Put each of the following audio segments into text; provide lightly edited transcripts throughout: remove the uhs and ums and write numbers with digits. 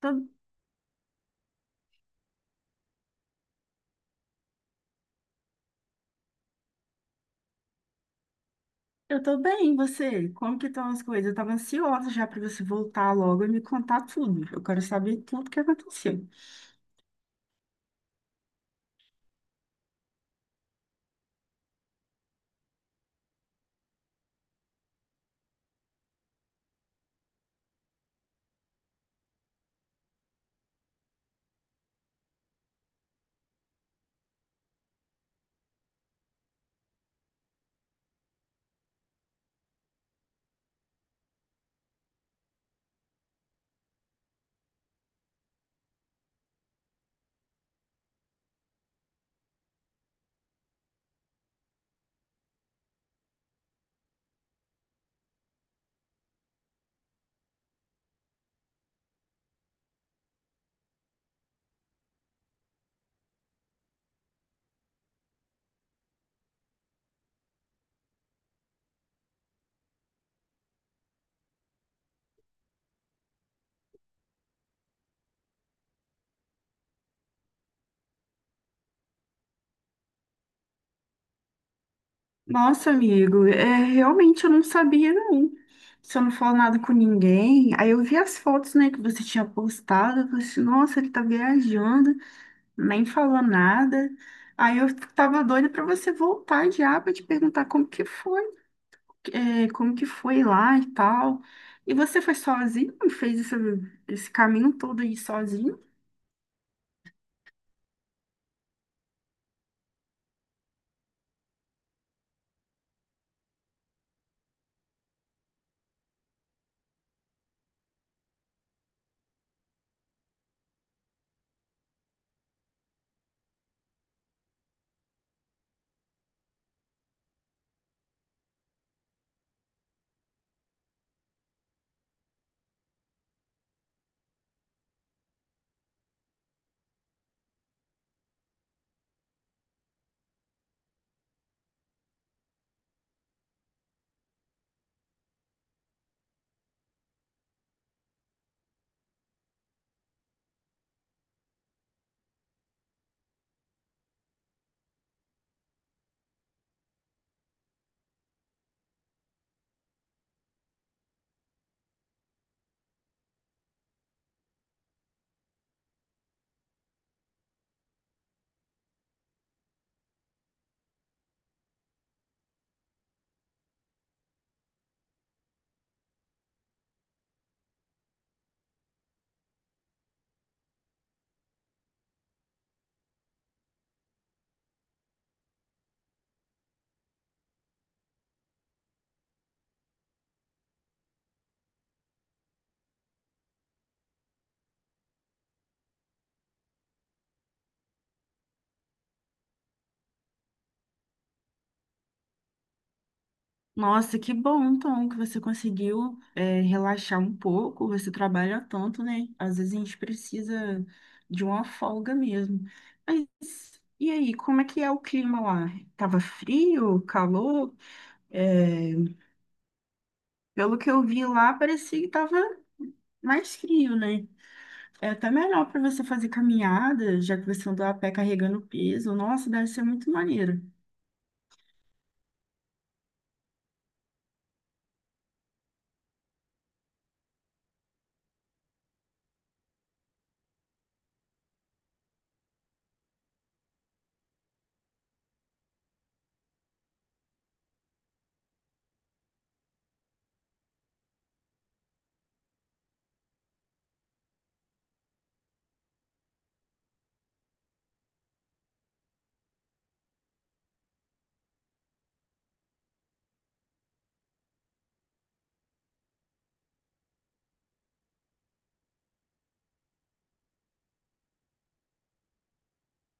Tô- eu tô bem, e você? Como que estão as coisas? Eu tava ansiosa já para você voltar logo e me contar tudo. Eu quero saber tudo que aconteceu. Nossa, amigo, é, realmente eu não sabia, não. Você não falou nada com ninguém. Aí eu vi as fotos, né, que você tinha postado. Eu falei assim, nossa, ele tá viajando, nem falou nada. Aí eu tava doida para você voltar já para te perguntar como que foi. É, como que foi lá e tal. E você foi sozinho e fez esse caminho todo aí sozinho? Nossa, que bom, então, que você conseguiu, é, relaxar um pouco. Você trabalha tanto, né? Às vezes a gente precisa de uma folga mesmo. Mas e aí, como é que é o clima lá? Tava frio, calor? É, pelo que eu vi lá, parecia que tava mais frio, né? É até melhor para você fazer caminhada, já que você andou a pé carregando peso. Nossa, deve ser muito maneiro.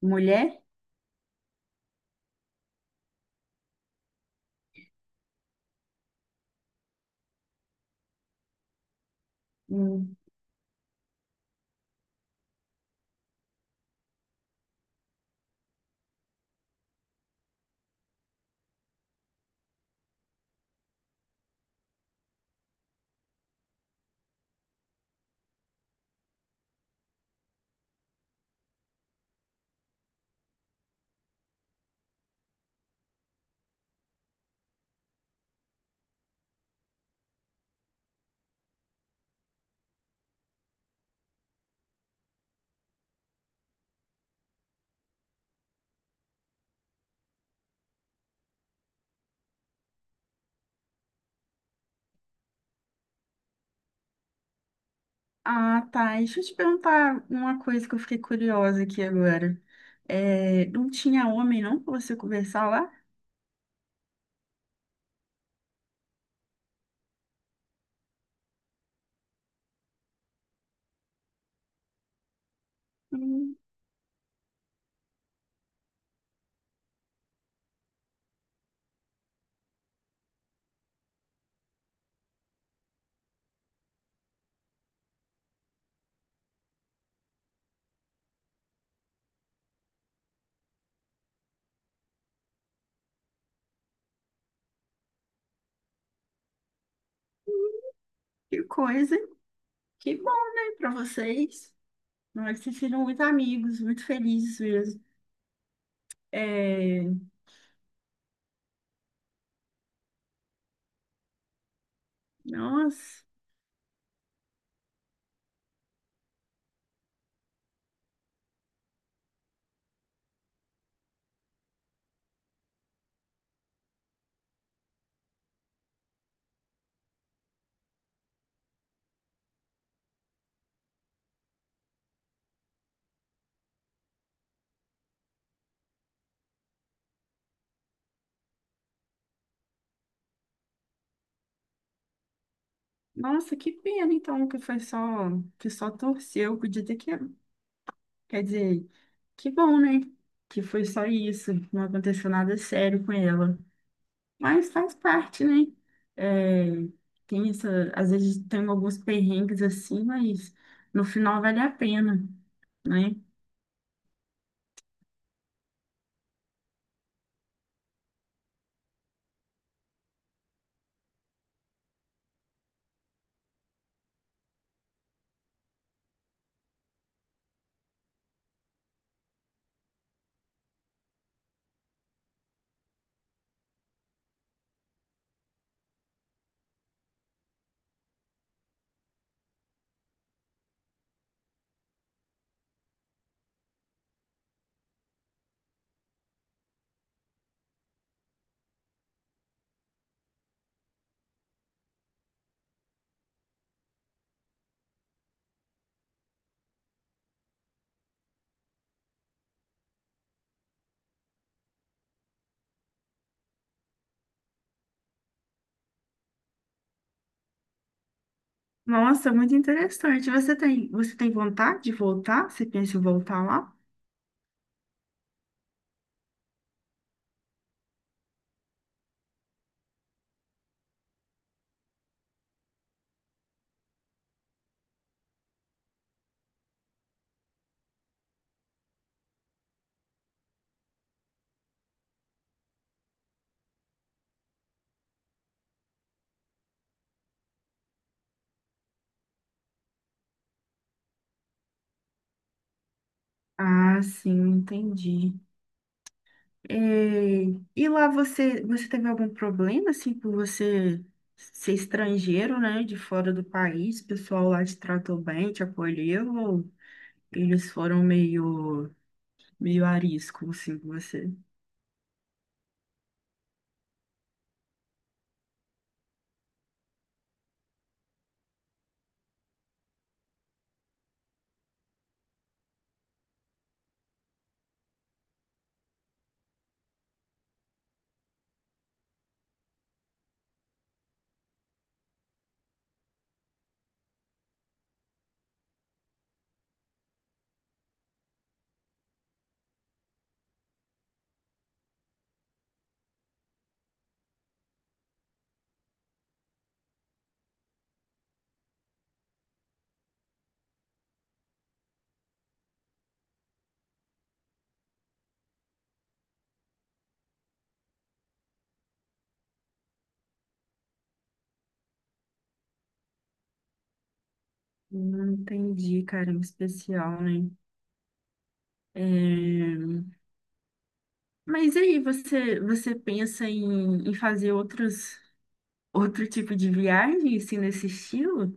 Mulher? Hum. Ah, tá. Deixa eu te perguntar uma coisa que eu fiquei curiosa aqui agora. É, não tinha homem, não, para você conversar lá? Hum, que coisa. Que bom, né, para vocês. Não, nós se viram muito amigos, muito felizes mesmo. É, nossa, nossa, que pena, então, que foi só, que só torceu. Podia ter que... Quer dizer, que bom, né? Que foi só isso, não aconteceu nada sério com ela. Mas faz parte, né? É, tem essa, às vezes tem alguns perrengues assim, mas no final vale a pena, né? Nossa, muito interessante. Você tem vontade de voltar? Você pensa em voltar lá? Ah, sim, entendi. É, e lá você teve algum problema, assim, por você ser estrangeiro, né, de fora do país? O pessoal lá te tratou bem, te acolheu, ou eles foram meio arisco, assim, com você? Não entendi, cara, em especial, né? É, mas e aí, você pensa em, em fazer outro tipo de viagem, assim, nesse estilo?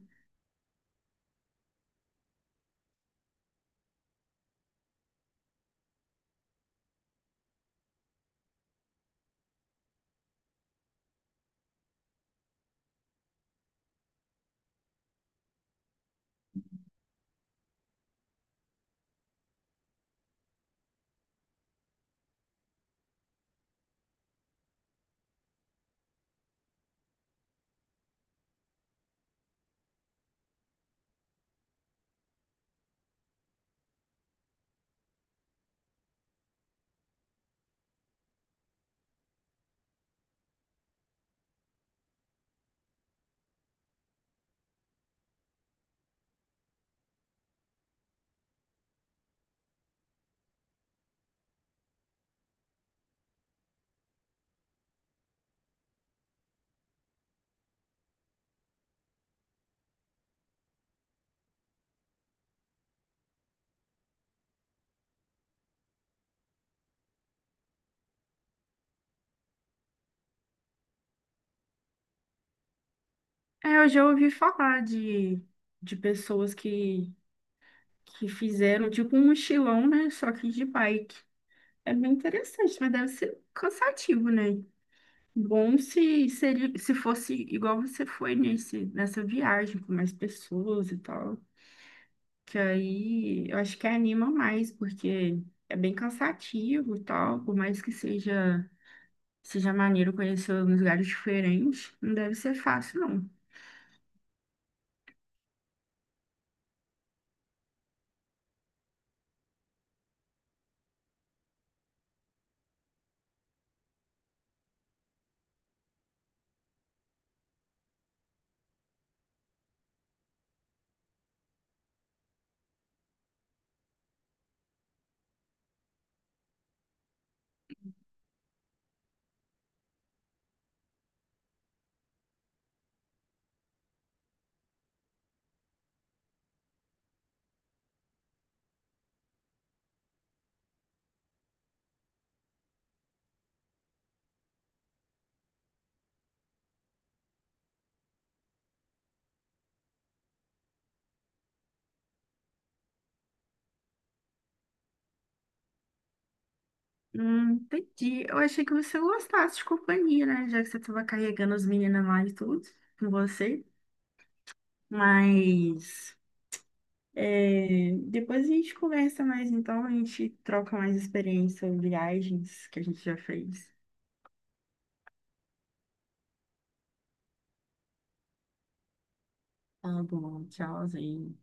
É, eu já ouvi falar de pessoas que fizeram tipo um mochilão, né? Só que de bike. É bem interessante, mas deve ser cansativo, né? Bom se seria, se fosse igual você foi nessa viagem com mais pessoas e tal. Que aí eu acho que anima mais, porque é bem cansativo e tal, por mais que seja maneiro conhecer uns lugares diferentes, não deve ser fácil, não. Entendi. Eu achei que você gostasse de companhia, né? Já que você estava carregando as meninas lá e tudo com você. Mas é, depois a gente conversa mais, então a gente troca mais experiência, viagens que a gente já fez. Tá bom, tchauzinho.